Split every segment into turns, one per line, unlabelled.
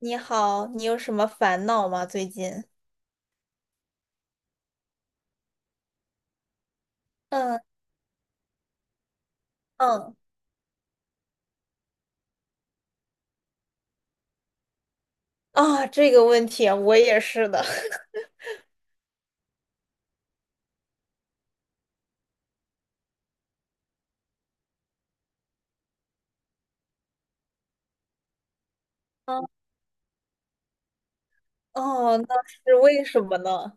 你好，你有什么烦恼吗？最近？嗯。嗯。啊，这个问题我也是的。嗯。哦，那是为什么呢？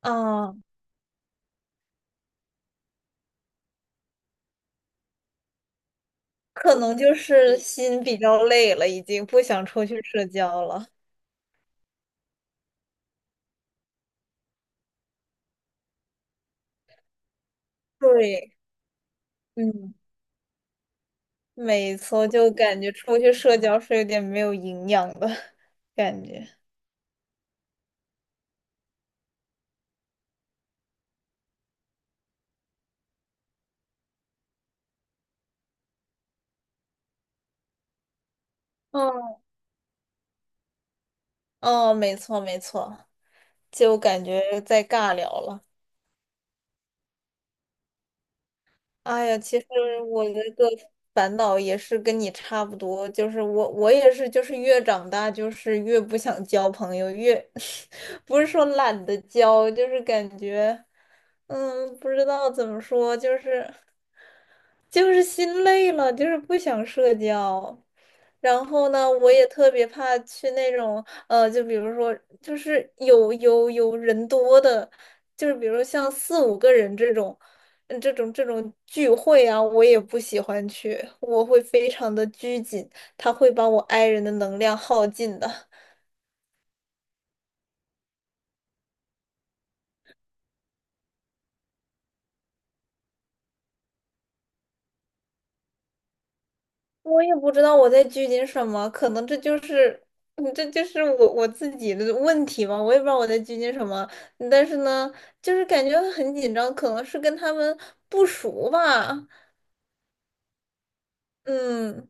啊，可能就是心比较累了，已经不想出去社交了。对，嗯，没错，就感觉出去社交是有点没有营养的 感觉。嗯，哦，没错，就感觉在尬聊了。哎呀，其实我那个烦恼也是跟你差不多，就是我也是，就是越长大就是越不想交朋友，越 不是说懒得交，就是感觉不知道怎么说，就是就是心累了，就是不想社交。然后呢，我也特别怕去那种，就比如说，就是有人多的，就是比如像四五个人这种，嗯这种聚会啊，我也不喜欢去，我会非常的拘谨，它会把我 i 人的能量耗尽的。我也不知道我在拘谨什么，可能这就是，嗯这就是我自己的问题吧，我也不知道我在拘谨什么，但是呢，就是感觉很紧张，可能是跟他们不熟吧。嗯。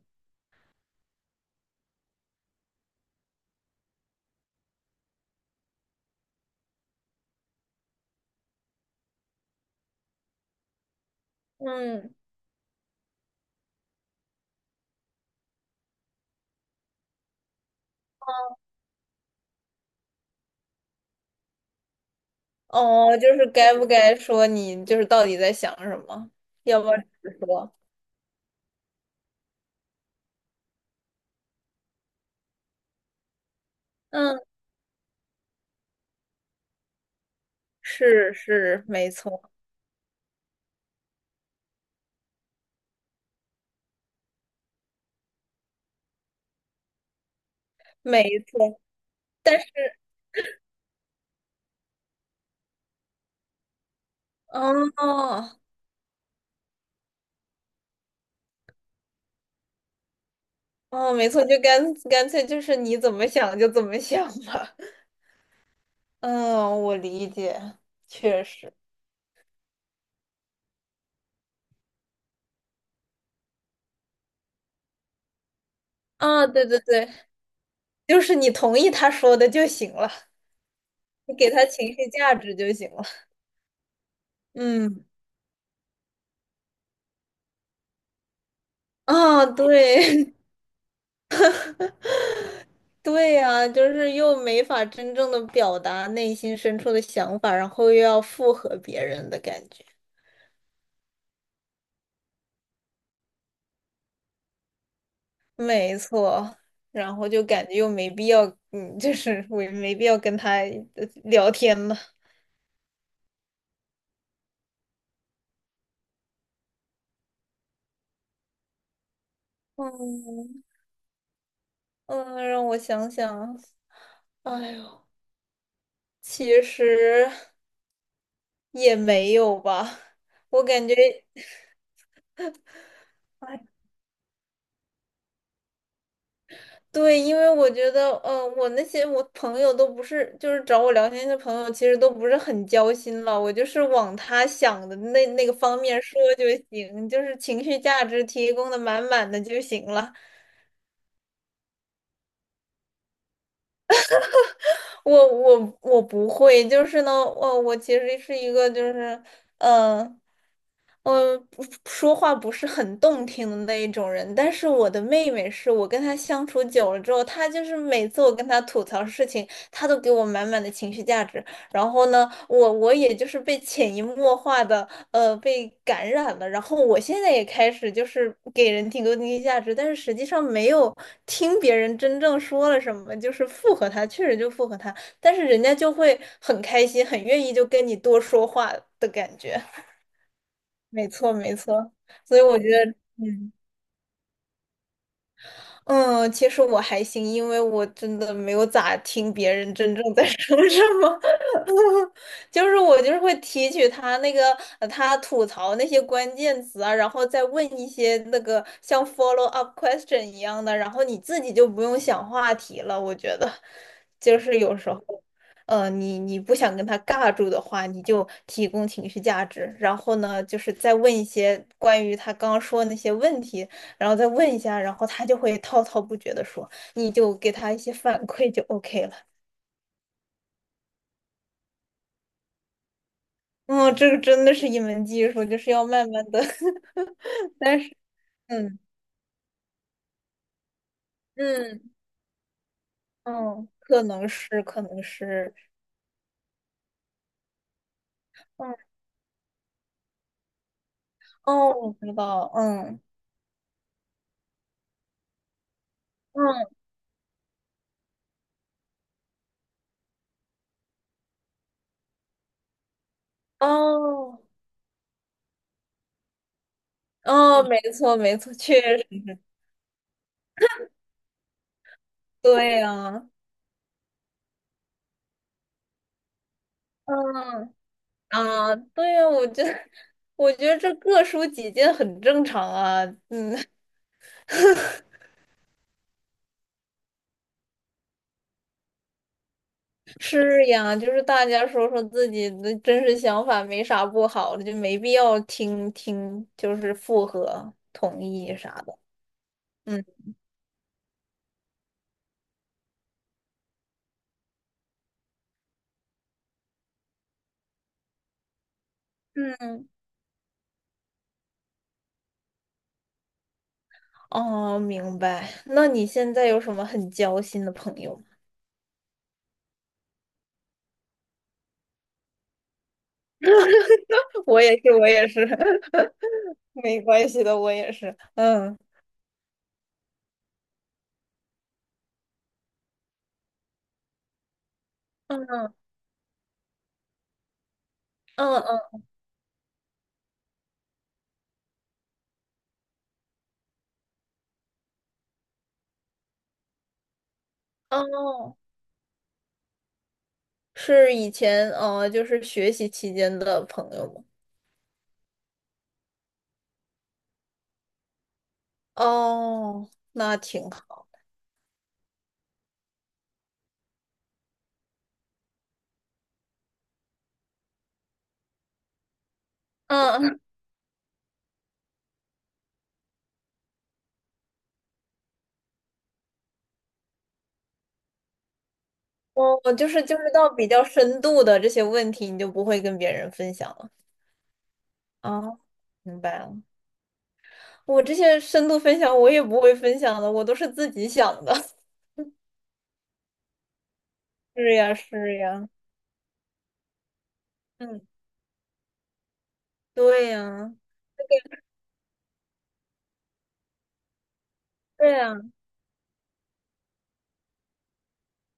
嗯，哦，就是该不该说你就是到底在想什么，要不要直说？嗯，是，没错，但是哦。哦，没错，就干脆就是你怎么想就怎么想吧。嗯，我理解，确实。啊，对，就是你同意他说的就行了，你给他情绪价值就行了。嗯，啊，对，对呀，就是又没法真正的表达内心深处的想法，然后又要附和别人的感觉。没错，然后就感觉又没必要，嗯，就是我也没必要跟他聊天了。嗯。嗯，让我想想，哎呦，其实也没有吧，我感觉。对，因为我觉得，我那些我朋友都不是，就是找我聊天的朋友，其实都不是很交心了。我就是往他想的那个方面说就行，就是情绪价值提供的满满的就行了。我不会，就是呢，我我其实是一个就是，嗯。嗯，不说话不是很动听的那一种人，但是我的妹妹是我跟她相处久了之后，她就是每次我跟她吐槽事情，她都给我满满的情绪价值。然后呢，我也就是被潜移默化的被感染了，然后我现在也开始就是给人提供情绪价值，但是实际上没有听别人真正说了什么，就是附和他，确实就附和他，但是人家就会很开心，很愿意就跟你多说话的感觉。没错，没错，所以我觉得，嗯，嗯，其实我还行，因为我真的没有咋听别人真正在 说什么，就是我就是会提取他那个他吐槽那些关键词啊，然后再问一些那个像 follow up question 一样的，然后你自己就不用想话题了。我觉得，就是有时候，呃，你你不想跟他尬住的话，你就提供情绪价值，然后呢，就是再问一些关于他刚刚说的那些问题。然后再问一下，然后他就会滔滔不绝的说，你就给他一些反馈就 OK 了。嗯，这个真的是一门技术，就是要慢慢的。但是，嗯。嗯。嗯，可能是，可能是，嗯。哦，我知道，嗯。嗯。哦。哦，没错没错，确实对呀，嗯。啊，对呀，我觉得我觉得这各抒己见很正常啊，嗯。是呀，就是大家说说自己的真实想法，没啥不好的，就没必要听听，就是附和、同意啥的。嗯。嗯，哦，明白。那你现在有什么很交心的朋友吗？ 我也是，我也是，没关系的，我也是。嗯。嗯。嗯。嗯，哦，是以前就是学习期间的朋友吗？哦，那挺好。嗯，我就是就是到比较深度的这些问题，你就不会跟别人分享了。啊，明白了。我这些深度分享我也不会分享的，我都是自己想的。是呀，是呀，嗯，对呀，对呀，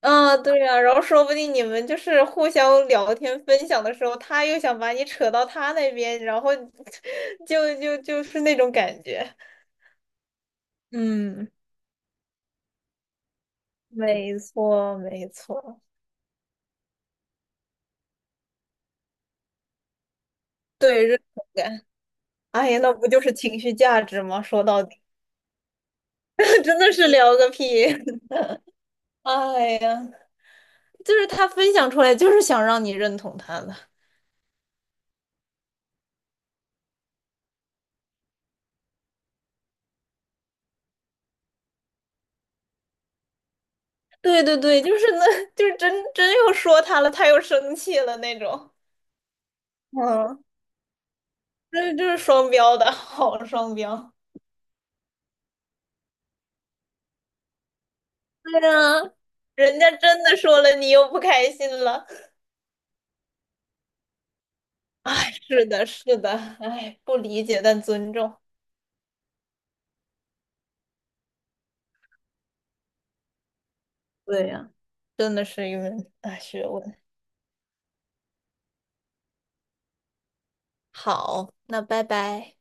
啊，对呀。然后说不定你们就是互相聊天分享的时候，他又想把你扯到他那边，然后 就是那种感觉。嗯，没错，没错，对认同感。哎呀，那不就是情绪价值吗？说到底。真的是聊个屁！哎呀，就是他分享出来，就是想让你认同他的。对，就是那，就是真又说他了，他又生气了那种。嗯，这就是双标的，好双标。对呀，人家真的说了，你又不开心了。哎，是的，是的，哎，不理解但尊重。对呀，啊真的是一门大学问。好，那拜拜。